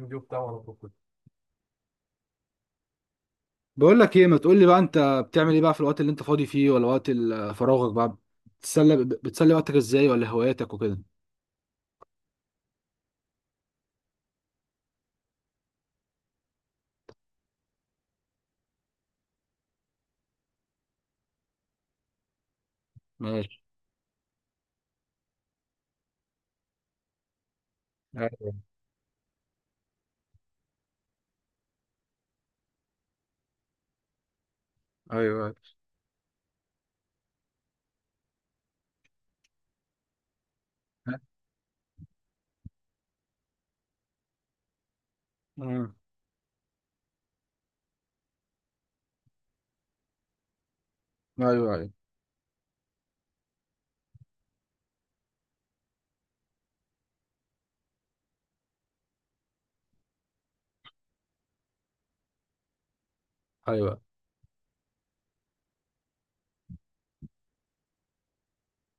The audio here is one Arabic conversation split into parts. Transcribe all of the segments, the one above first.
الفيديو بتاعه على طول كده. بقول لك ايه، ما تقول لي بقى انت، بتعمل ايه بقى في الوقت اللي انت فاضي فيه ولا وقت فراغك بقى، بتسلي وقتك ازاي، ولا هواياتك وكده؟ ماشي. ايوه. ايوه. ايوه. ايوه. ايوه. ايوه.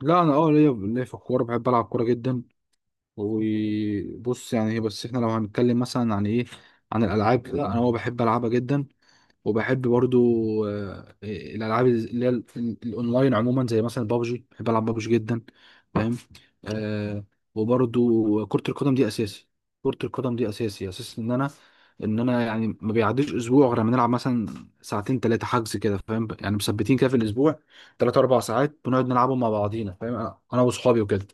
لا، انا ليا في الكوره، بحب العب كوره جدا. وبص، يعني هي بس احنا لو هنتكلم مثلا عن ايه، عن الالعاب، لا انا هو بحب العبها جدا. وبحب برضو الالعاب اللي هي الاونلاين عموما، زي مثلا بابجي، بحب العب بابجي جدا. فاهم. آه. وبرضو كرة القدم دي اساسي، كرة القدم دي اساسي، اساس ان انا يعني ما بيعديش اسبوع غير لما نلعب مثلا ساعتين ثلاثه حجز كده، فاهم يعني، مثبتين كده في الاسبوع، ثلاث اربع ساعات بنقعد نلعبهم مع بعضينا، فاهم، انا واصحابي وكده.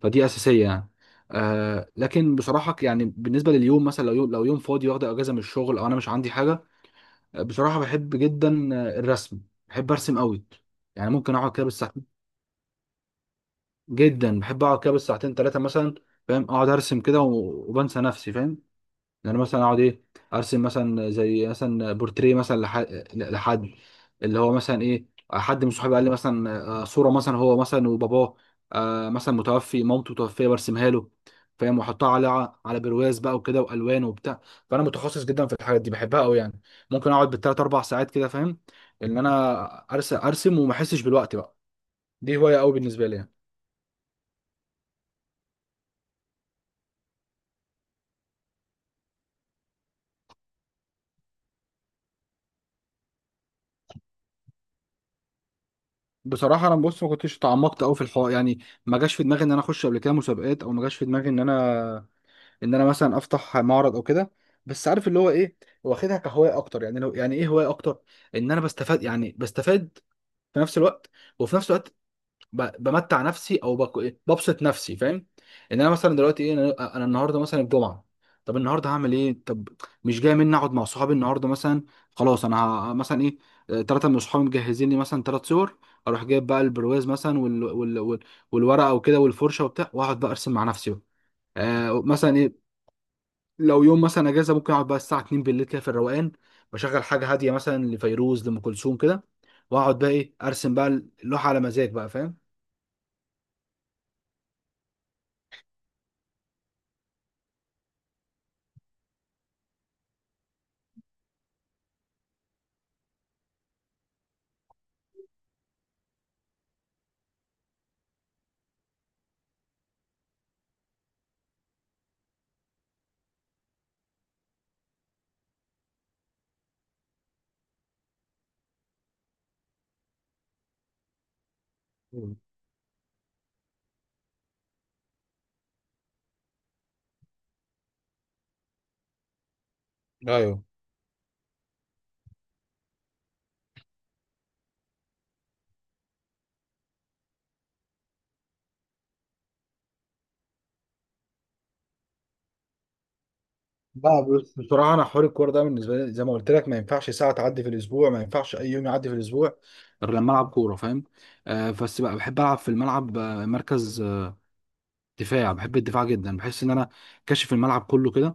فدي اساسيه يعني. لكن بصراحه يعني بالنسبه لليوم، مثلا لو يوم فاضي، واخد اجازه من الشغل، او انا مش عندي حاجه، بصراحة بحب جدا الرسم. بحب ارسم قوي. يعني ممكن اقعد كده بالساعتين، جدا بحب اقعد كده بالساعتين ثلاثة مثلا، فاهم، اقعد ارسم كده وبنسى نفسي، فاهم. يعني مثلا اقعد ايه، ارسم مثلا زي مثلا بورتريه مثلا لحد، اللي هو مثلا ايه، حد من صحابي قال لي مثلا صوره مثلا هو مثلا وباباه مثلا متوفي، مامته متوفيه، برسمها له فاهم، واحطها على برواز بقى وكده، والوان وبتاع. فانا متخصص جدا في الحاجات دي، بحبها قوي يعني. ممكن اقعد بالثلاث اربع ساعات كده، فاهم، ان انا ارسم وما احسش بالوقت بقى. دي هوايه قوي بالنسبه لي يعني. بصراحه انا بص، ما كنتش تعمقت قوي في الحوار يعني. ما جاش في دماغي ان انا اخش قبل كده مسابقات، او ما جاش في دماغي ان انا، ان انا مثلا افتح معرض او كده. بس عارف اللي هو ايه، واخدها كهوايه اكتر يعني، لو يعني ايه، هوايه اكتر، ان انا بستفاد، في نفس الوقت، وفي نفس الوقت بمتع نفسي، او بك- إيه، ببسط نفسي فاهم، ان انا مثلا دلوقتي ايه، انا النهارده مثلا الجمعه، طب النهارده هعمل ايه، طب مش جاي مني اقعد مع صحابي النهارده مثلا، خلاص انا مثلا ايه، ثلاثه من صحابي مجهزين لي مثلا ثلاث صور، اروح جايب بقى البرواز مثلا، والورقه وكده، والفرشه وبتاع، واقعد بقى ارسم مع نفسي بقى. مثلا لو يوم مثلا اجازه، ممكن اقعد بقى الساعه 2 بالليل كده في الروقان، بشغل حاجه هاديه، مثلا لفيروز، لام كلثوم كده، واقعد بقى ايه، ارسم بقى اللوحه على مزاج بقى فاهم. مم. ايوه بقى، بص، بصراحه انا حوار الكوره ده بالنسبه لي زي ما قلت لك، ما ينفعش ساعه تعدي في الاسبوع، ما ينفعش اي يوم يعدي في الاسبوع غير لما العب كوره، فاهم. بس بقى بحب العب في الملعب مركز دفاع. بحب الدفاع جدا، بحس ان انا كاشف الملعب كله كده،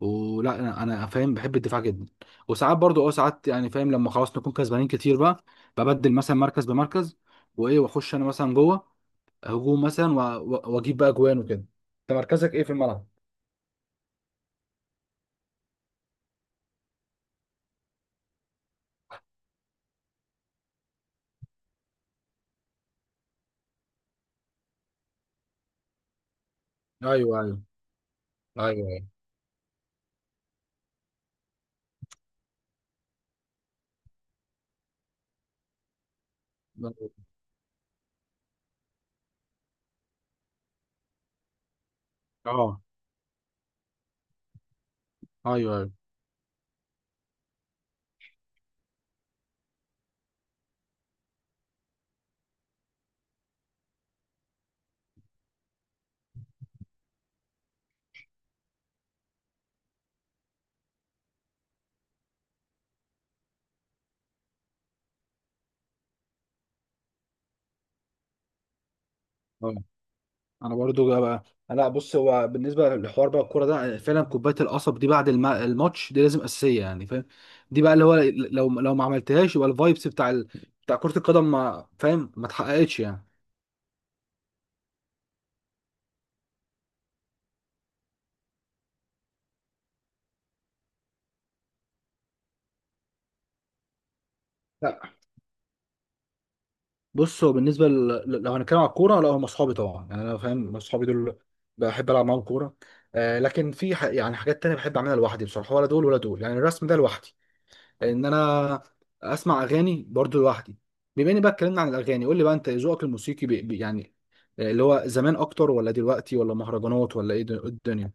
ولا انا، فاهم، بحب الدفاع جدا. وساعات برضو، ساعات يعني فاهم، لما خلاص نكون كسبانين كتير بقى، ببدل مثلا مركز بمركز، وايه، واخش انا مثلا جوه هجوم مثلا واجيب بقى جوان وكده. انت مركزك ايه في الملعب؟ ايوه. ايوه. ايوه. ايوه. اه. ايوه. ايوه. انا برضو جا بقى. لا، بص، هو بالنسبه للحوار بقى الكوره ده، فعلا كوبايه القصب دي بعد الماتش دي لازم اساسيه يعني فاهم. دي بقى اللي هو لو، ما عملتهاش يبقى الفايبس بتاع كره القدم ما فاهم، ما اتحققتش يعني. لا، بص، هو بالنسبه لو هنتكلم على الكوره، لا هم اصحابي طبعا يعني انا، فاهم، اصحابي دول بحب العب معاهم كوره. لكن في يعني حاجات تانية بحب اعملها لوحدي بصراحه، ولا دول ولا دول، يعني الرسم ده لوحدي، ان انا اسمع اغاني برضو لوحدي. بما اني بقى اتكلمنا عن الاغاني، قول لي بقى، انت ذوقك الموسيقي بي يعني، اللي هو زمان اكتر، ولا دلوقتي، ولا مهرجانات، ولا ايه الدنيا؟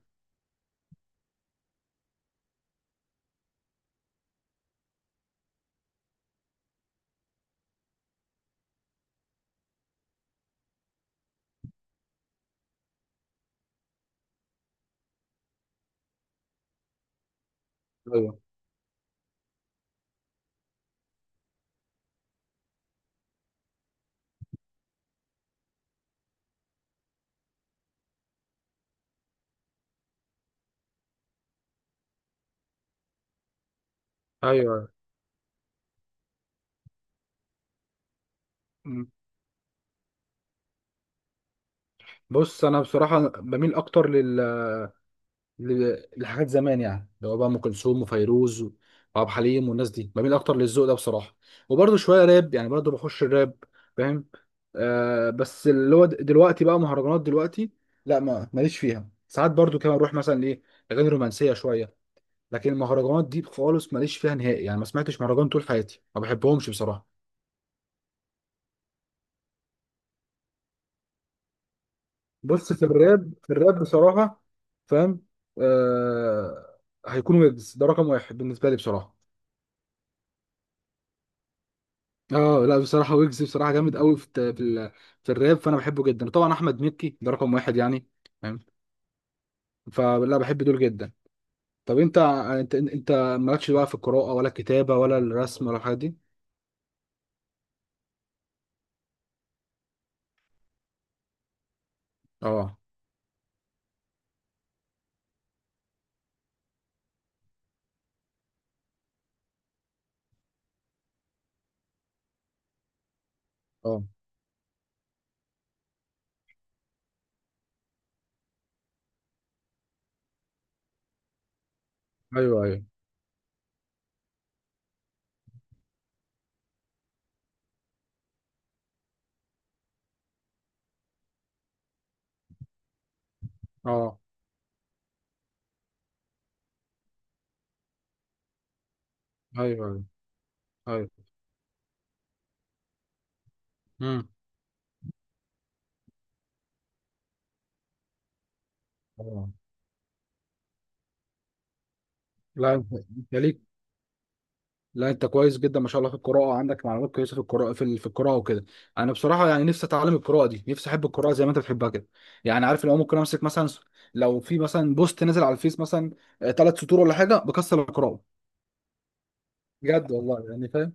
ايوه. ايوه. مم. بص انا بصراحه بميل اكتر لحاجات زمان يعني، اللي هو بقى ام كلثوم وفيروز وعبد الحليم، والناس دي بميل اكتر للذوق ده بصراحه. وبرده شويه راب يعني، برده بخش الراب فاهم. بس اللي هو دلوقتي بقى مهرجانات، دلوقتي لا، ما ماليش فيها. ساعات برده كمان اروح مثلا ايه، اغاني رومانسيه شويه، لكن المهرجانات دي خالص ماليش فيها نهائي يعني، ما سمعتش مهرجان طول حياتي، ما بحبهمش بصراحه. بص في الراب، بصراحه فاهم آه هيكون ويجز ده رقم واحد بالنسبه لي بصراحه. اه لا بصراحه ويجز بصراحه جامد قوي في في الراب، فانا بحبه جدا. طبعا احمد مكي ده رقم واحد يعني فاهم، فلا بحب دول جدا. طب انت، مالكش بقى في القراءه، ولا الكتابه، ولا الرسم، ولا الحاجات دي؟ اه. اه. ايوه. ايوه. اه. ايوه. ايوه. ايوه. امم. اه. لا انت، ليك. لا انت كويس جدا ما شاء الله في القراءه، عندك معلومات كويسه في القراءه، في في القراءه وكده. انا بصراحه يعني نفسي اتعلم القراءه دي، نفسي احب القراءه زي ما انت بتحبها كده. يعني عارف اللي هو، ممكن امسك مثلا لو في مثلا بوست نزل على الفيس مثلا، ثلاث سطور ولا حاجه، بكسر القراءه بجد والله يعني فاهم.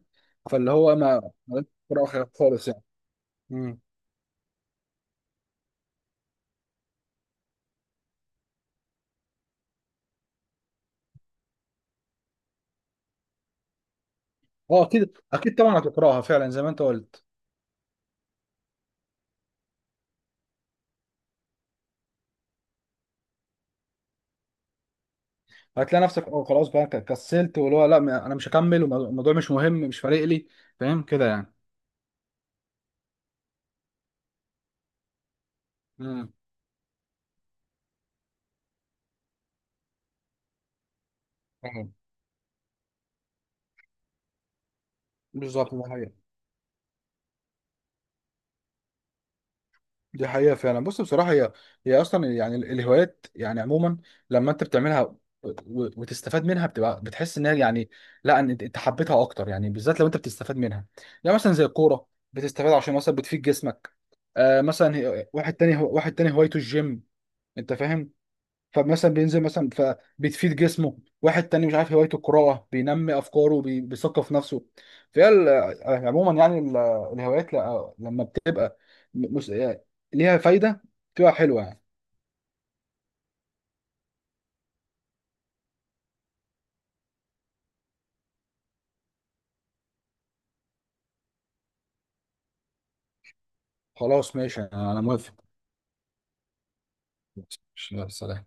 فاللي هو ما قراءه خالص يعني. امم. اه اكيد اكيد طبعا هتقراها فعلا زي ما انت قلت. هتلاقي نفسك اه خلاص بقى كسلت، واللي هو لا، انا مش هكمل، والموضوع مش مهم، مش فارق لي، فاهم كده يعني. امم. بالظبط، ده حقيقة. دي حقيقة فعلا. بص، بصراحة هي، أصلا يعني الهوايات يعني عموما، لما أنت بتعملها وتستفاد منها، بتبقى بتحس إنها يعني، لا إن أنت، حبيتها أكتر يعني، بالذات لو أنت بتستفاد منها. يعني مثلا زي الكورة، بتستفاد عشان مثلا بتفيد جسمك. مثلا واحد تاني هوايته الجيم، أنت فاهم، فمثلا بينزل مثلا، فبتفيد جسمه. واحد تاني مش عارف هوايته القراءة، بينمي أفكاره، بيثقف نفسه. فهي عموما يعني الهوايات، لما بتبقى م- مس- آه، ليها فايدة، بتبقى حلوة يعني. خلاص، ماشي، أنا موافق. ماشي، يلا، سلام.